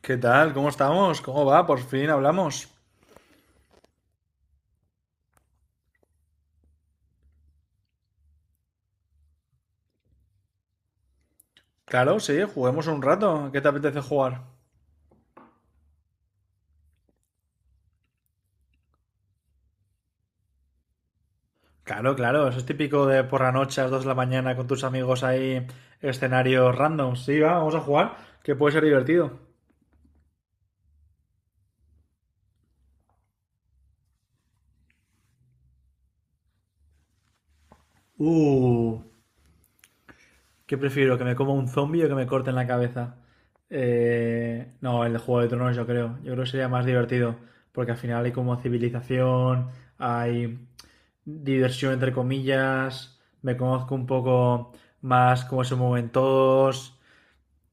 ¿Qué tal? ¿Cómo estamos? ¿Cómo va? Por fin hablamos. Claro, sí, juguemos un rato. ¿Qué te apetece jugar? Claro, claro, eso es típico de por la noche a las 2 de la mañana con tus amigos ahí, escenarios random. Sí, va, vamos a jugar, que puede ser divertido. Uh, ¿Qué prefiero? ¿Que me coma un zombie o que me corten la cabeza? No, el de Juego de Tronos yo creo. Yo creo que sería más divertido. Porque al final hay como civilización, hay diversión entre comillas, me conozco un poco más cómo se mueven todos.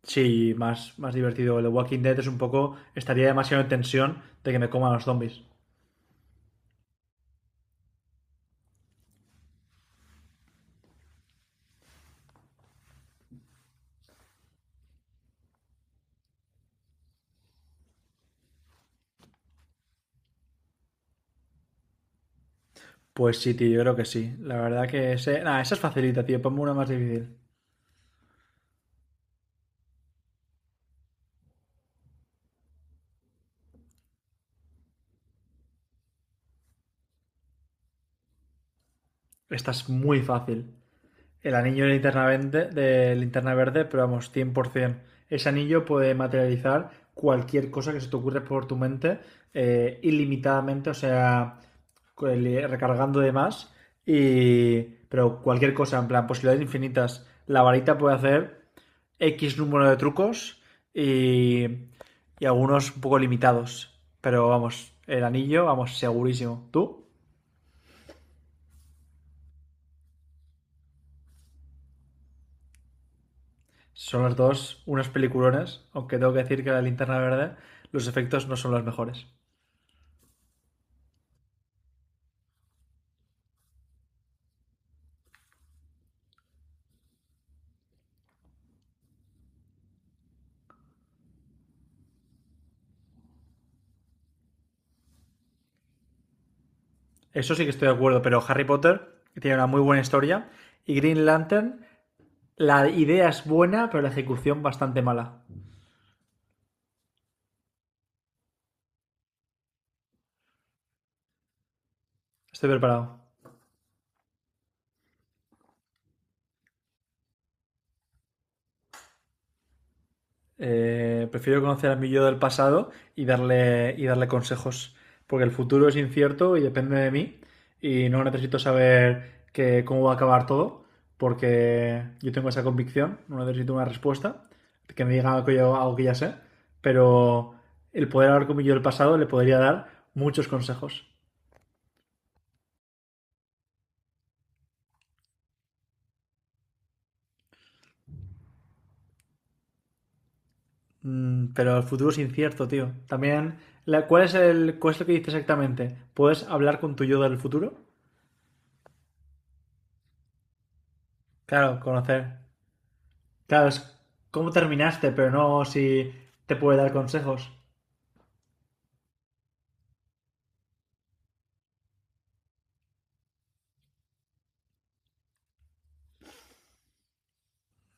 Sí, más divertido. El de Walking Dead es un poco, estaría demasiado en tensión de que me coman los zombies. Pues sí, tío, yo creo que sí. La verdad que ese, nah, esa es facilita, tío. Ponme una más difícil. Esta es muy fácil. El anillo de linterna verde, pero vamos, 100%. Ese anillo puede materializar cualquier cosa que se te ocurra por tu mente, ilimitadamente, o sea, recargando de más, y, pero cualquier cosa, en plan, posibilidades infinitas. La varita puede hacer X número de trucos y, y algunos un poco limitados, pero vamos, el anillo, vamos, segurísimo. ¿Tú? Son los dos unos peliculones, aunque tengo que decir que la linterna verde, los efectos no son los mejores. Eso sí que estoy de acuerdo, pero Harry Potter tiene una muy buena historia y Green Lantern, la idea es buena, pero la ejecución bastante mala. Estoy preparado. Prefiero conocer a mi yo del pasado y darle consejos, porque el futuro es incierto y depende de mí y no necesito saber que, cómo va a acabar todo, porque yo tengo esa convicción, no necesito una respuesta que me diga algo que, yo, algo que ya sé, pero el poder hablar con mi yo del pasado le podría dar muchos consejos. Mm, pero el futuro es incierto, tío. También, ¿cuál, ¿cuál es lo que dice exactamente? ¿Puedes hablar con tu yo del futuro? Claro, conocer. Claro, es cómo terminaste, pero no si te puede dar consejos.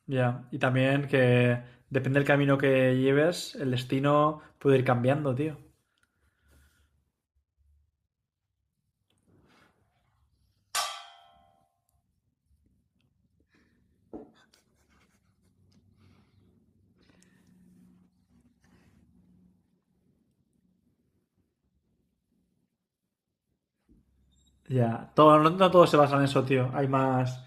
Ya, y también que depende del camino que lleves, el destino puede ir cambiando, tío. Ya, todo, no, no todo se basa en eso, tío. Hay más,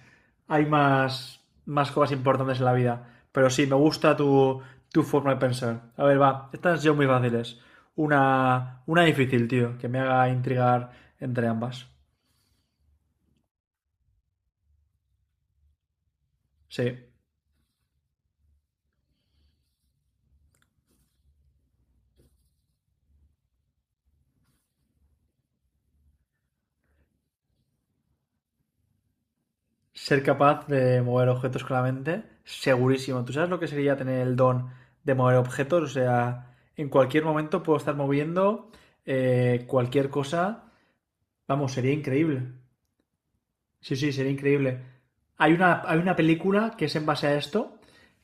más cosas importantes en la vida. Pero sí, me gusta tu, tu forma de pensar. A ver, va, estas son muy fáciles. Una difícil, tío, que me haga intrigar entre ambas. Sí. Ser capaz de mover objetos con la mente, segurísimo. ¿Tú sabes lo que sería tener el don de mover objetos? O sea, en cualquier momento puedo estar moviendo cualquier cosa. Vamos, sería increíble. Sí, sí, sería increíble. Hay una película que es en base a esto,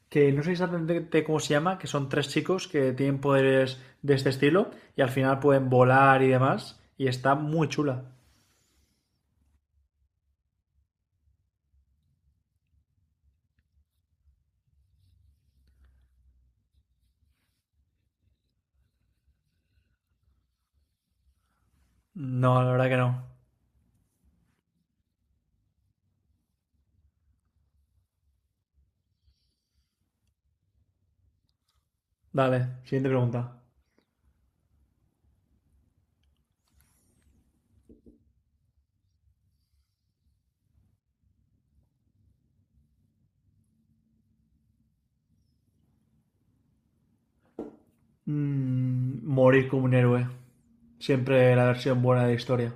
que no sé exactamente cómo se llama, que son tres chicos que tienen poderes de este estilo y al final pueden volar y demás. Y está muy chula. No, la verdad que no. Dale, siguiente pregunta. Mm, morir como un héroe. Siempre la versión buena de la historia.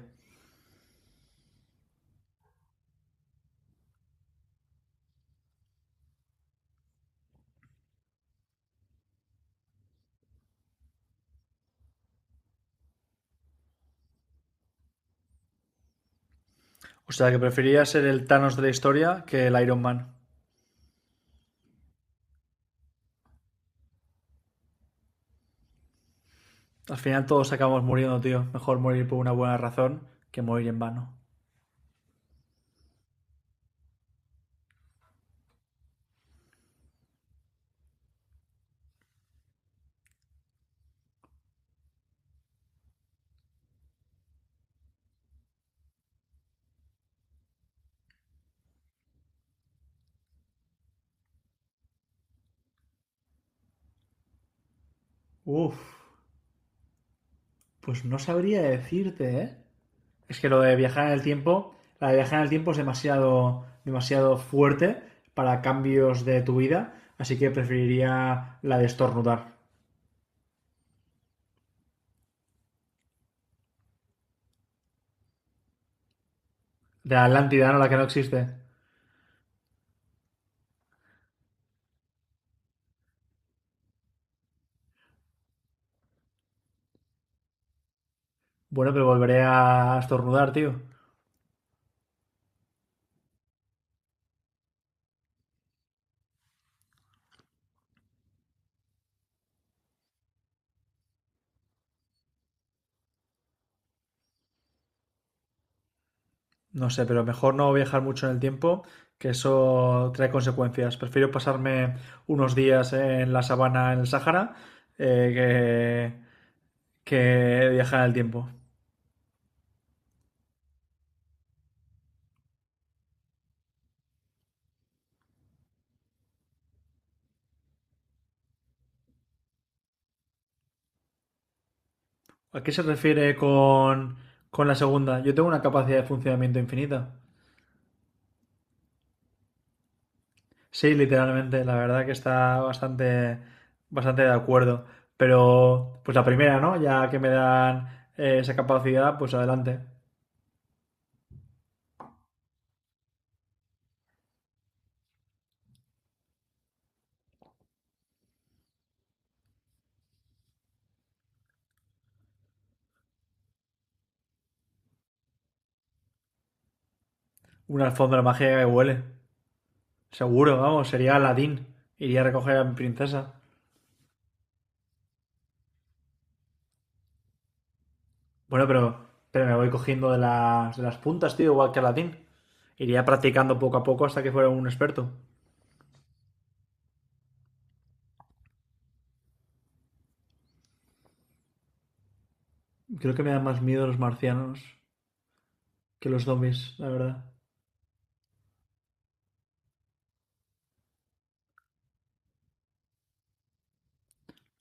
O sea, que preferiría ser el Thanos de la historia que el Iron Man. Al final todos acabamos muriendo, tío. Mejor morir por una buena razón que morir en vano. Uf, pues no sabría decirte, ¿eh? Es que lo de viajar en el tiempo, la de viajar en el tiempo es demasiado, demasiado fuerte para cambios de tu vida, así que preferiría la de estornudar. De la Atlántida, ¿no? La que no existe. Bueno, pero volveré a estornudar, tío. No sé, pero mejor no viajar mucho en el tiempo, que eso trae consecuencias. Prefiero pasarme unos días en la sabana, en el Sáhara, eh, que, que viajar en el tiempo. ¿A qué se refiere con la segunda? Yo tengo una capacidad de funcionamiento infinita. Sí, literalmente, la verdad que está bastante, bastante de acuerdo. Pero, pues la primera, ¿no? Ya que me dan esa capacidad, pues adelante. Una alfombra mágica que huele. Seguro, vamos, sería Aladdin. Iría a recoger a mi princesa. Bueno, pero me voy cogiendo de las puntas, tío, igual que Aladdin. Iría practicando poco a poco hasta que fuera un experto. Creo que me dan más miedo los marcianos que los zombies, la verdad.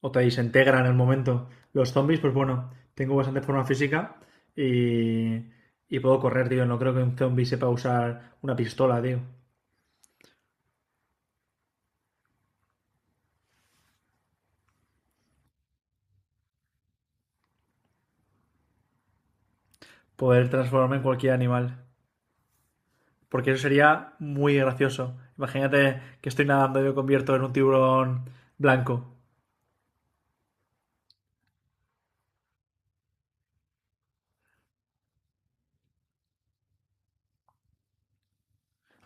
O te desintegran en el momento. Los zombies, pues bueno, tengo bastante forma física y, y puedo correr, tío. No creo que un zombie sepa usar una pistola, tío. Poder transformarme en cualquier animal. Porque eso sería muy gracioso. Imagínate que estoy nadando y me convierto en un tiburón blanco.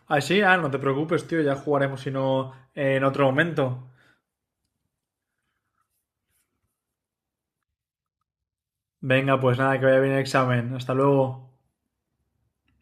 Ah, sí, no te preocupes, tío, ya jugaremos si no en otro momento. Venga, pues nada, que vaya bien el examen. Hasta luego.